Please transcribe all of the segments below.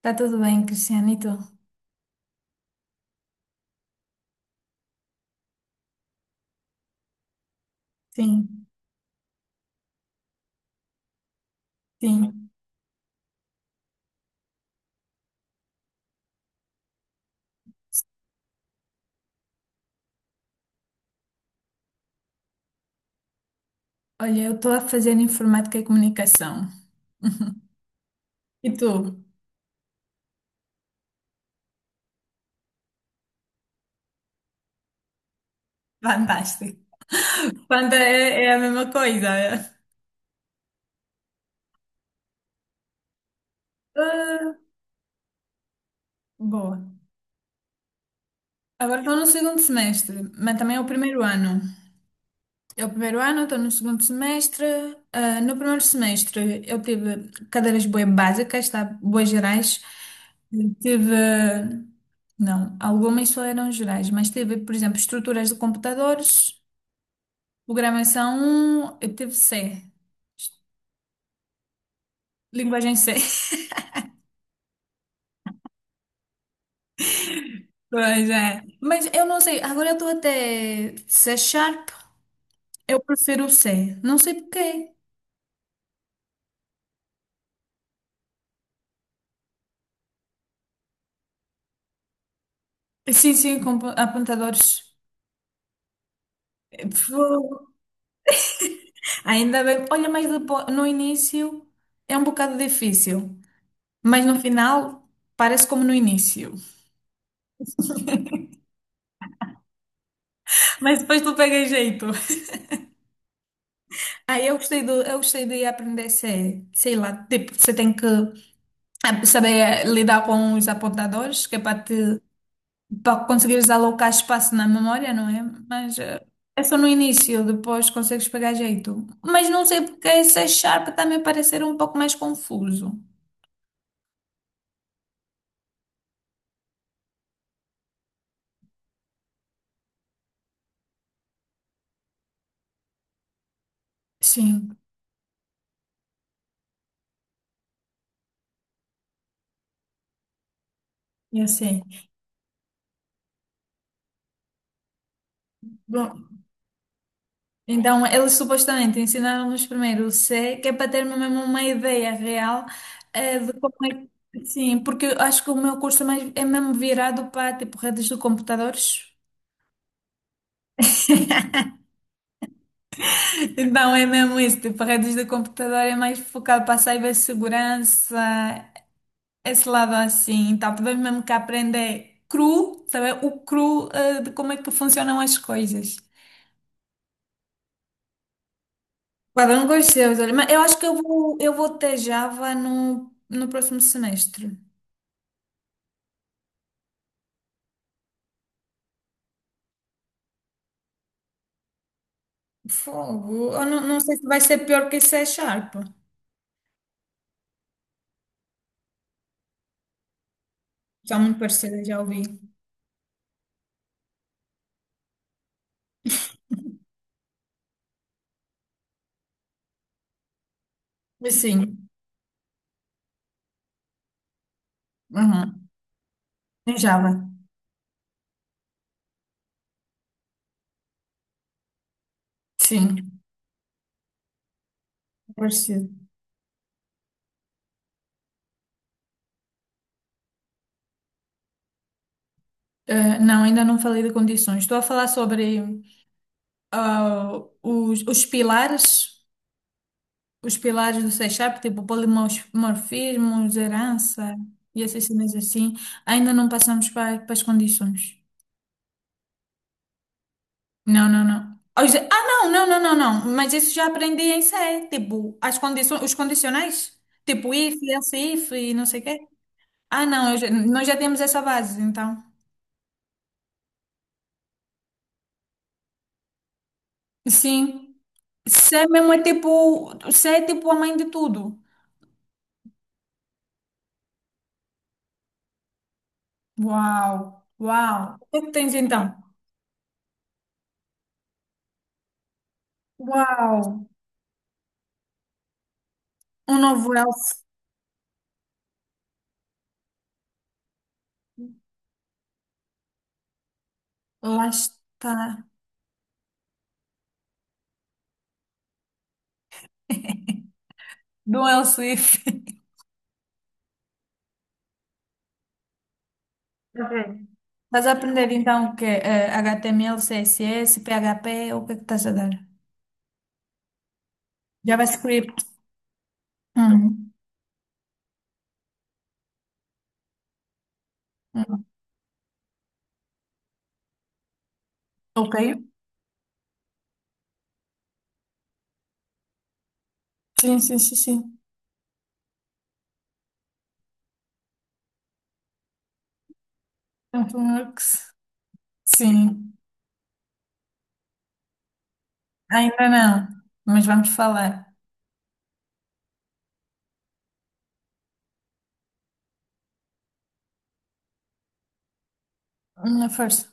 Tá tudo bem, Cristiano, e tu? Sim, sim. Olha, eu estou a fazer informática e comunicação. E tu? Fantástico. Fanta é a mesma coisa, é? Ah, boa. Agora estou no segundo semestre, mas também é o primeiro ano. É o primeiro ano, estou no segundo semestre. Ah, no primeiro semestre eu tive cadeiras bué básicas, tá? Bué gerais. Tive, não, algumas só eram gerais, mas tive, por exemplo, estruturas de computadores. Programação, eu teve C. Linguagem C. Pois é. Mas eu não sei, agora eu estou até C Sharp, eu prefiro o C. Não sei porquê. Sim, sim, com apontadores. Fogo. Ainda bem. Olha, mas depois, no início é um bocado difícil. Mas no final parece como no início. Mas depois tu pega jeito. Aí eu gostei do, eu gostei de aprender C, sei lá, tipo, você tem que saber lidar com os apontadores, que é para conseguires alocar espaço na memória, não é? Mas é só no início, depois consegues pegar jeito. Mas não sei porque esse Sharp também pareceu um pouco mais confuso. Sim, eu sei. Bom, então eles supostamente ensinaram-nos primeiro o C, que é para ter mesmo uma ideia real de como é que. Sim, porque eu acho que o meu curso é mesmo virado para tipo redes de computadores. Então é mesmo isso, tipo, redes de computador é mais focado para a cibersegurança esse lado assim, então tivemos mesmo que aprender cru, saber o cru de como é que funcionam as coisas. Cada um com os seus, olha, mas eu acho que eu vou ter Java no próximo semestre. Fogo, eu não sei se vai ser pior que C Sharp. São muito parecidas, já ouvi. Mas sim, uhum. Em Java, sim, parecido. Não, ainda não falei de condições. Estou a falar sobre ah, os pilares. Os pilares do C Sharp, tipo polimorfismos, herança e essas cenas assim, ainda não passamos para, para as condições. Não, não, não. Ah, não, não, não, não, não. Mas isso já aprendi em C, tipo, as condições, os condicionais, tipo if, else if e não sei o quê. Ah, não, nós já temos essa base, então. Sim. C mesmo é tipo, C é tipo a mãe de tudo. Uau, uau. O que é que tens então? Uau, um novo elfo. Lá está. Do El Swift. Tá. Estás a aprender então o que HTML, CSS, PHP, o que é que estás a dar? JavaScript. Uhum. Uhum. Ok. Sim, sim, sim, sim. Frameworks. Sim. Ainda não, mas vamos falar. Na força.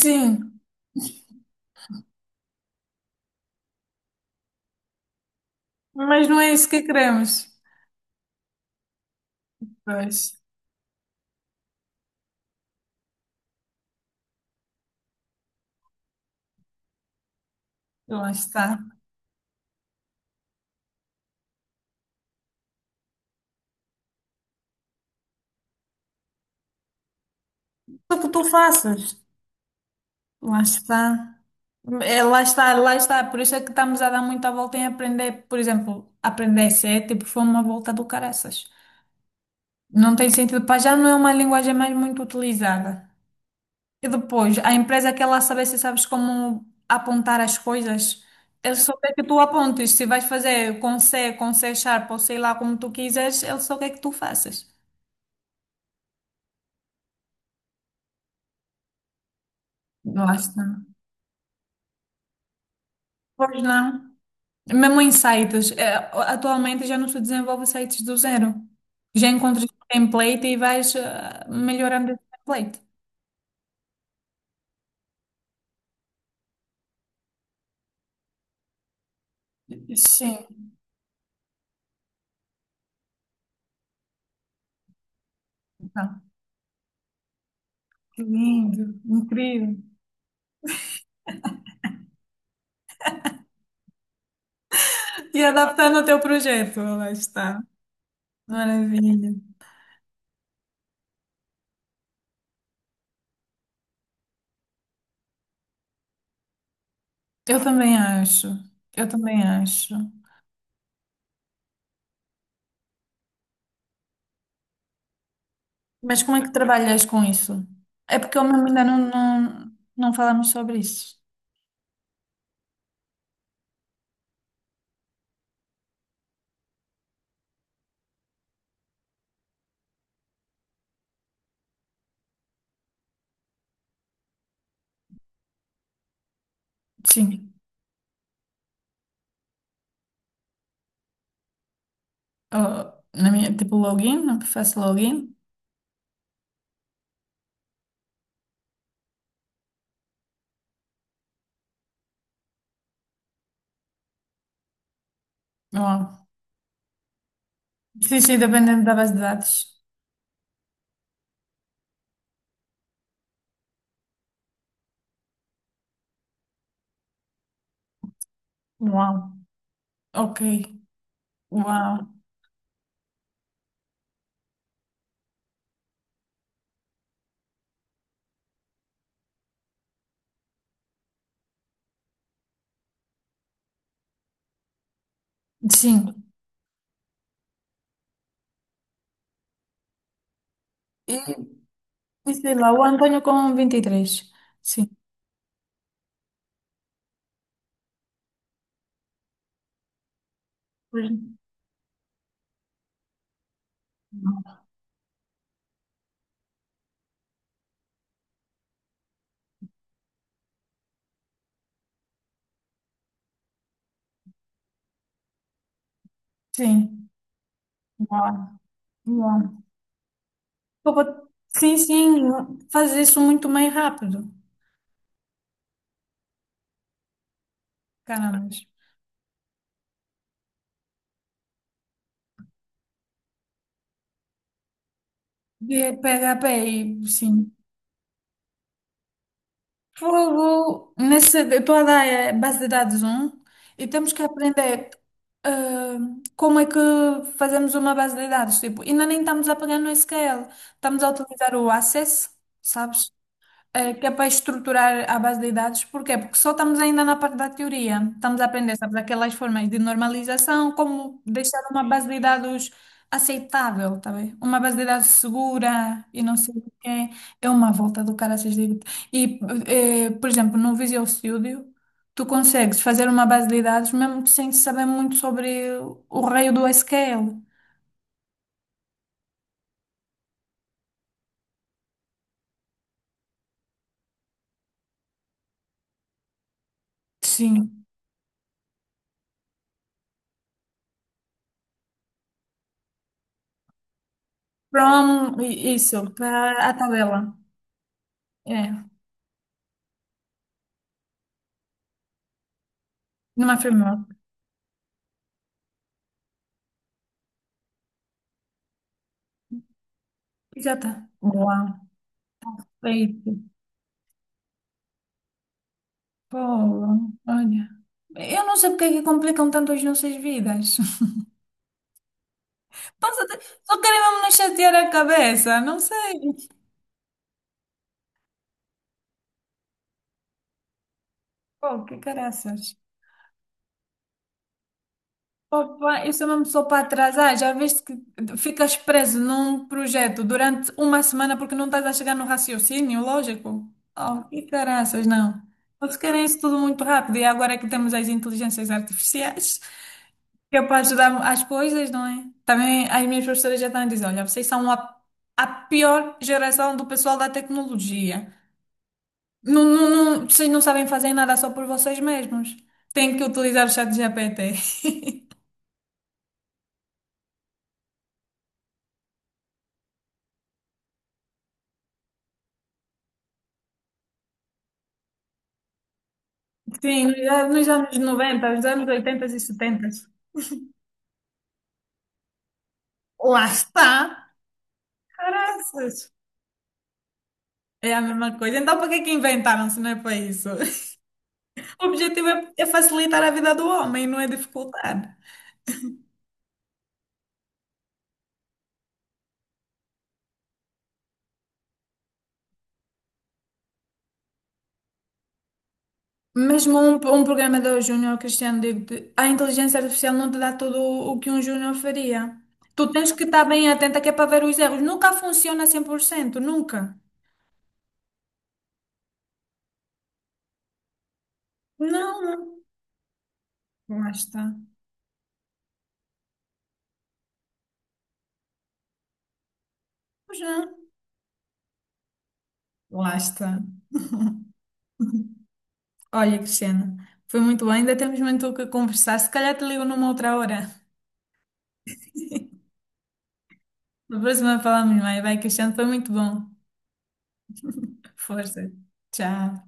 Sim, mas não é isso que queremos. Pois, lá está. O que tu faças? Lá está. É, lá está, lá está. Por isso é que estamos a dar muita volta em aprender, por exemplo, aprender C, tipo, foi uma volta do caraças. Não tem sentido, para já não é uma linguagem mais muito utilizada. E depois, a empresa quer lá saber se sabes como apontar as coisas. Ele só quer que tu apontes. Se vais fazer com C Sharp ou sei lá como tu quiseres, ele só quer que tu faças. Lá está. Pois não. Mesmo em sites, atualmente já não se desenvolve sites do zero. Já encontras um template e vais melhorando esse template. Sim, tá. Que lindo, incrível. E adaptando ao teu projeto, lá está. Maravilha. Eu também acho, eu também acho. Mas como é que trabalhas com isso? É porque eu mesmo ainda não falamos sobre isso. Sim. Eu, na minha, tipo, login, faço login. Oh. Sim, sim, dependendo da base de dados. Uau, ok, uau, sim. E, e sei lá, o Antônio com 23, sim. Pois- Sim, uau, uau. Pô, pô, sim, sim, faz isso muito mais rápido. Caramba. E é PHP, e sim. Fogo nessa tua ideia é base de dados um e temos que aprender ah, como é que fazemos uma base de dados. Tipo, ainda nem estamos a pegar no SQL, estamos a utilizar o Access, sabes? Que é para estruturar à base de dados, porquê? Porque só estamos ainda na parte da teoria. Estamos a aprender, sabes, aquelas formas de normalização, como deixar uma base de dados aceitável, tá bem? Uma base de dados segura e não sei o quê. É uma volta do caraças, digo. E, por exemplo, no Visual Studio, tu consegues fazer uma base de dados mesmo sem saber muito sobre o raio do SQL. Sim. From, isso, para a tabela. É, numa framework. Exato. Boa. É isso. Pô, olha. Eu não sei porque é que complicam tanto as nossas vidas. Passa- Só querem mesmo nos chatear a cabeça. Não sei. Pô, que caraças. Opa, eu sou mesmo só para atrasar. Já viste que ficas preso num projeto durante uma semana porque não estás a chegar no raciocínio lógico? Oh, que caraças, não. Eles querem isso tudo muito rápido e agora é que temos as inteligências artificiais, que é para ajudar as coisas, não é? Também as minhas professoras já estão a dizer, olha, vocês são a pior geração do pessoal da tecnologia. Não, não, não, vocês não sabem fazer nada só por vocês mesmos. Têm que utilizar o chat GPT. Sim, já nos anos 90, os anos 80 e 70. Lá está. Caraças. É a mesma coisa. Então, para que é que inventaram se não é para isso? O objetivo é facilitar a vida do homem, não é dificultar. Mesmo um programador júnior, Cristiano, digo-te, a inteligência artificial não te dá tudo o que um júnior faria. Tu tens que estar bem atenta que é para ver os erros. Nunca funciona 100% nunca. Não, não. Lá está. Pois não. Lá está. Olha, Cristiano, foi muito bom. Ainda temos muito o que conversar. Se calhar te ligo numa outra hora. Na próxima falamos mais. Vai, Cristiano, foi muito bom. Força. Tchau.